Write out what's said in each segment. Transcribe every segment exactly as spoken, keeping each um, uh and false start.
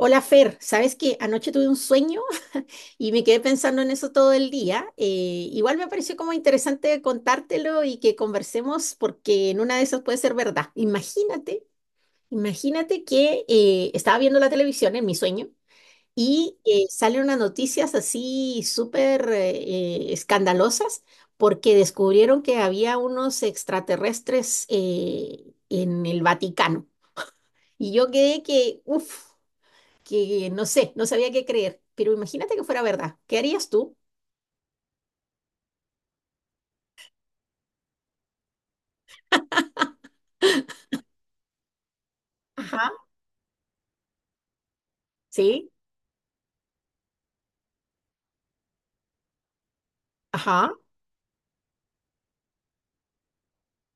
Hola Fer, sabes que anoche tuve un sueño y me quedé pensando en eso todo el día. Eh, igual me pareció como interesante contártelo y que conversemos porque en una de esas puede ser verdad. Imagínate, imagínate que eh, estaba viendo la televisión en mi sueño y eh, salen unas noticias así súper eh, escandalosas porque descubrieron que había unos extraterrestres eh, en el Vaticano. Y yo quedé que, uff, que no sé, no sabía qué creer, pero imagínate que fuera verdad. ¿Qué harías tú? Ajá. ¿Sí? Ajá.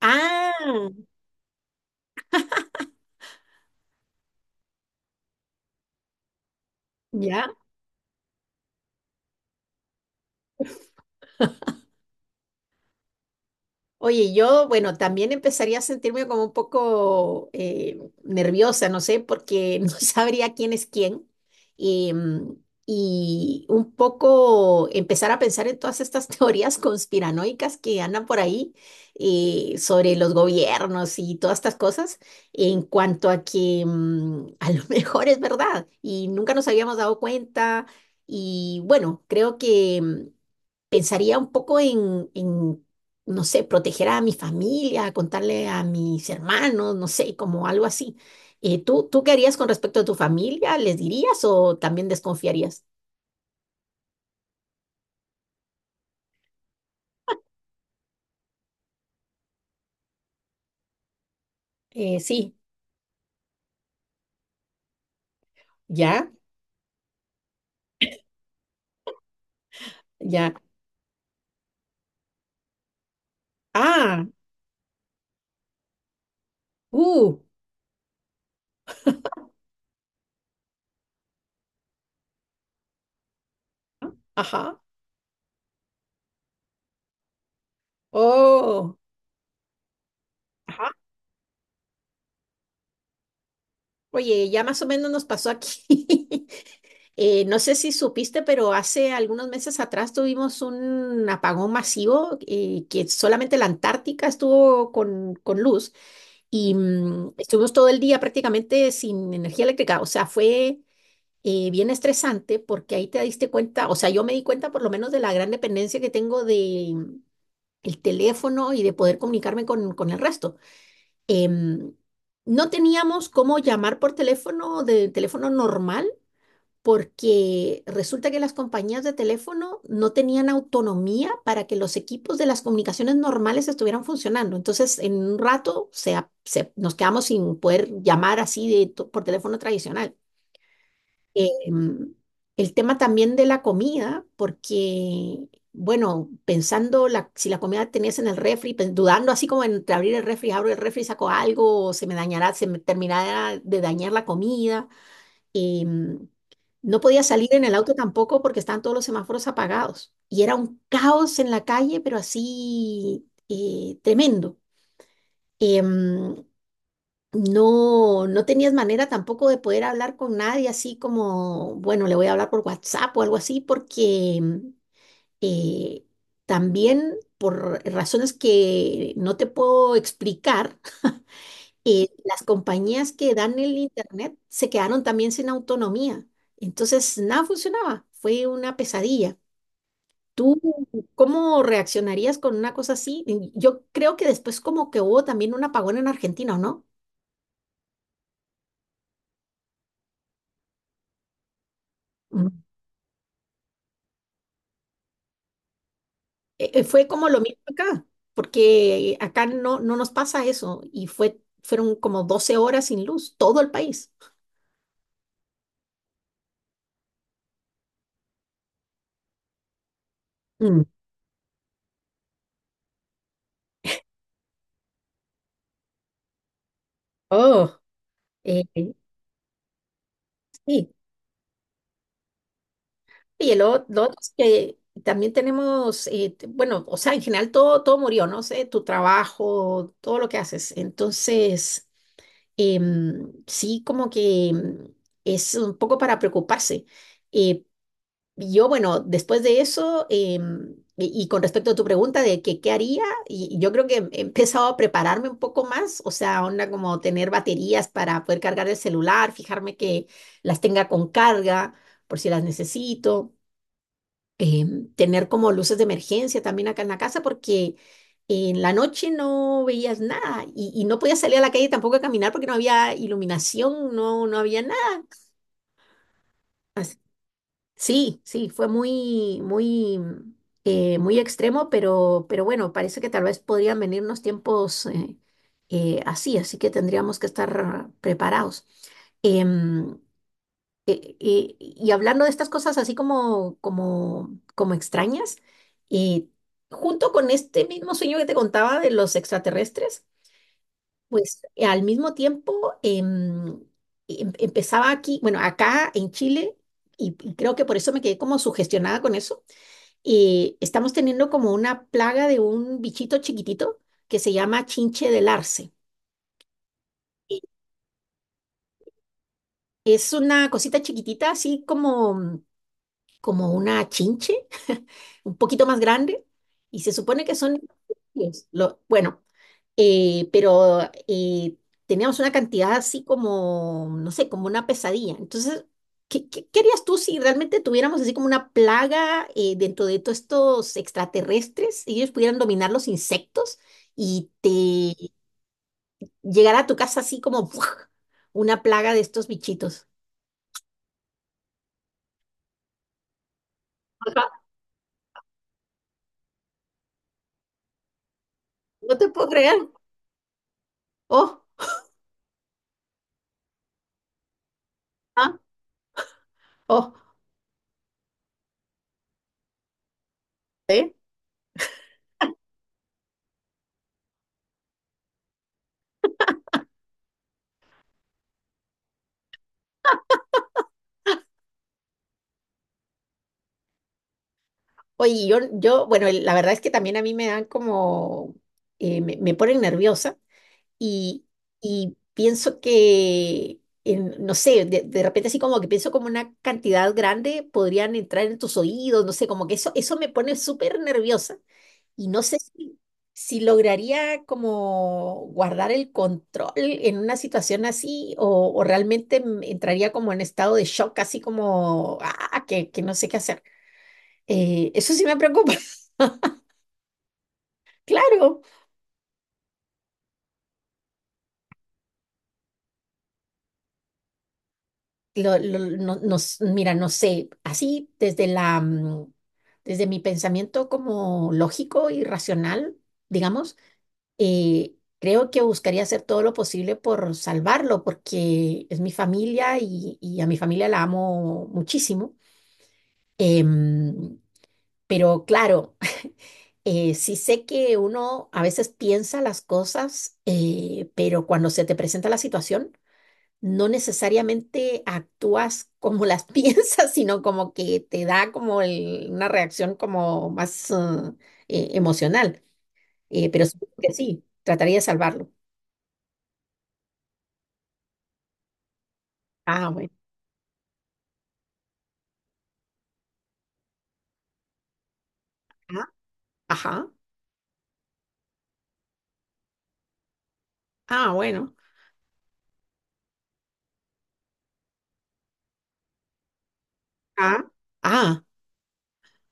Ah, ya. Oye, yo, bueno, también empezaría a sentirme como un poco eh, nerviosa, no sé, porque no sabría quién es quién. Y, mm, y un poco empezar a pensar en todas estas teorías conspiranoicas que andan por ahí eh, sobre los gobiernos y todas estas cosas, en cuanto a que mm, a lo mejor es verdad y nunca nos habíamos dado cuenta. Y bueno, creo que mm, pensaría un poco en, en, no sé, proteger a mi familia, contarle a mis hermanos, no sé, como algo así. Eh, ¿tú, tú qué harías con respecto a tu familia? ¿Les dirías o también desconfiarías? Eh, sí, ya, ya. Ah, uh, ajá, oh, ajá. Oye, ya más o menos nos pasó aquí. Eh, no sé si supiste, pero hace algunos meses atrás tuvimos un apagón masivo eh, que solamente la Antártica estuvo con, con luz y mm, estuvimos todo el día prácticamente sin energía eléctrica. O sea, fue eh, bien estresante porque ahí te diste cuenta, o sea, yo me di cuenta por lo menos de la gran dependencia que tengo de mm, el teléfono y de poder comunicarme con, con el resto. Em, no teníamos cómo llamar por teléfono, de teléfono normal porque resulta que las compañías de teléfono no tenían autonomía para que los equipos de las comunicaciones normales estuvieran funcionando. Entonces, en un rato se, a- se- nos quedamos sin poder llamar así de, to- por teléfono tradicional. Eh, mm, el tema también de la comida, porque, bueno, pensando la, si la comida tenías en el refri, pen- dudando así como entre abrir el refri, abro el refri, saco algo, o se me dañará, se me terminará de dañar la comida eh, no podía salir en el auto tampoco porque estaban todos los semáforos apagados. Y era un caos en la calle, pero así eh, tremendo. Em, no, no tenías manera tampoco de poder hablar con nadie así como, bueno, le voy a hablar por WhatsApp o algo así, porque em, eh, también por razones que no te puedo explicar, eh, las compañías que dan el Internet se quedaron también sin autonomía. Entonces, nada funcionaba. Fue una pesadilla. ¿Tú cómo reaccionarías con una cosa así? Y yo creo que después como que hubo también un apagón en Argentina, ¿o no? Mm. Eh, eh, fue como lo mismo acá, porque acá no, no nos pasa eso. Y fue, fueron como doce horas sin luz, todo el país. Mm. Oh, eh, sí. Y el lo otro es que también tenemos, eh, t- bueno, o sea, en general todo, todo murió, ¿no? sé, tu trabajo, todo lo que haces. Entonces, em, sí, como que em, es un poco para preocuparse. Eh, yo, bueno, después de eso, em, y, y con respecto a tu pregunta de que qué haría, y, y yo creo que he empezado a prepararme un poco más, o sea, onda como tener baterías para poder cargar el celular, fijarme que las tenga con carga por si las necesito, eh, tener como luces de emergencia también acá en la casa porque en la noche no veías nada y, y no podías salir a la calle tampoco a caminar porque no había iluminación, no, no había nada. As- Sí, sí, fue muy, muy, mm, eh, muy extremo, pero, pero bueno, parece que tal vez podrían venirnos tiempos eh, eh, así, así que tendríamos que estar preparados. Em, eh, eh, y hablando de estas cosas así como, como, como extrañas, y junto con este mismo sueño que te contaba de los extraterrestres, pues eh, al mismo tiempo em, em- empezaba aquí, bueno, acá en Chile, y, y creo que por eso me quedé como sugestionada con eso, eh, estamos teniendo como una plaga de un bichito chiquitito que se llama chinche del arce. Es una cosita chiquitita, así como, como una chinche, un poquito más grande y se supone que son... infantiles. Lo, bueno, eh, pero eh, teníamos una cantidad así como, no sé, como una pesadilla. Entonces, ¿qué, qué, qué harías tú si realmente tuviéramos así como una plaga eh, dentro de todos estos extraterrestres y ellos pudieran dominar los insectos y te llegara a tu casa así como ¡buah!, una plaga de estos bichitos? Ajá. No te puedo creer. Oh, ah, oh. ¿Eh? Oye, yo, yo, bueno, el- la verdad es que también a mí me dan como, eh, me, me ponen nerviosa y, y pienso que, en- no sé, de, de repente así como que pienso como una cantidad grande podrían entrar en tus oídos, no sé, como que eso, eso me pone súper nerviosa y no sé si, si lograría como guardar el control en una situación así o, o realmente m- entraría como en estado de shock, así como, ah, que, que no sé qué hacer. Eh, eso sí me preocupa. Claro, lo- lo- no- nos, mira, no sé, así desde la, mm, desde mi pensamiento como lógico y racional, digamos, eh, creo que buscaría hacer todo lo posible por salvarlo, porque es mi familia y, y a mi familia la amo muchísimo. Em, pero claro, eh, sí sé que uno a veces piensa las cosas, eh, pero cuando se te presenta la situación no necesariamente actúas como las piensas, sino como que te da como el- una reacción como más ah, eh, emocional. Eh, pero supongo que sí, trataría de salvarlo. Ah, bueno. Ah, ajá. Ah, bueno. Ah, ah.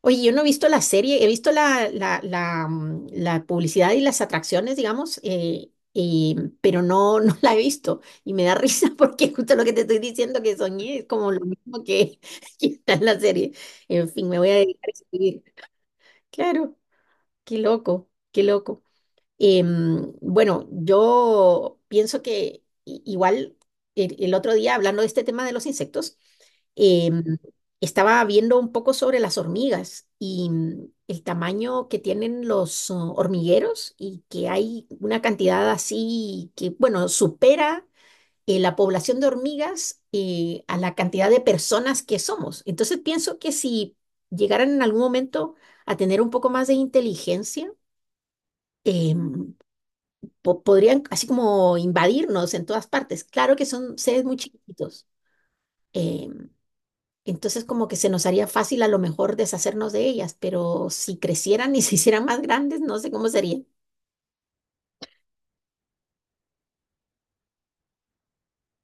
Oye, yo no he visto la serie, he visto la, la, la, mm, la publicidad y las atracciones, digamos, eh, y- pero no, no la he visto. Y me da risa porque justo lo que te estoy diciendo que soñé es como lo mismo que, que está en la serie. En fin, me voy a dedicar a escribir. Claro, qué loco, qué loco. Em, bueno, yo pienso que i- igual el, el otro día, hablando de este tema de los insectos, em, estaba viendo un poco sobre las hormigas y mm, el tamaño que tienen los oh, hormigueros y que hay una cantidad así que, bueno, supera eh, la población de hormigas eh, a la cantidad de personas que somos. Entonces pienso que si llegaran en algún momento a tener un poco más de inteligencia, em, po- podrían así como invadirnos en todas partes. Claro que son seres muy chiquititos. eh, entonces como que se nos haría fácil a lo mejor deshacernos de ellas, pero si crecieran y se hicieran más grandes, no sé cómo sería.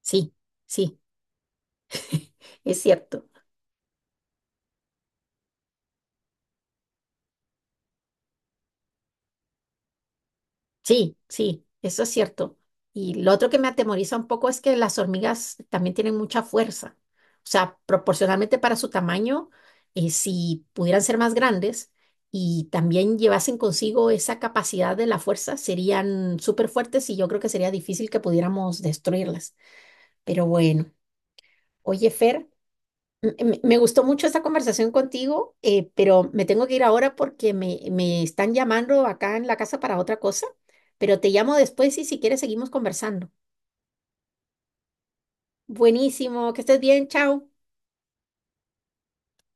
Sí, sí, es cierto. Sí, sí, eso es cierto. Y lo otro que me atemoriza un poco es que las hormigas también tienen mucha fuerza. O sea, proporcionalmente para su tamaño, eh, si pudieran ser más grandes y también llevasen consigo esa capacidad de la fuerza, serían súper fuertes y yo creo que sería difícil que pudiéramos destruirlas. Pero bueno, oye, Fer, M- me me gustó mucho esta conversación contigo, eh, pero me tengo que ir ahora porque me, me están llamando acá en la casa para otra cosa, pero te llamo después y si quieres seguimos conversando. Buenísimo, que estés bien, chao.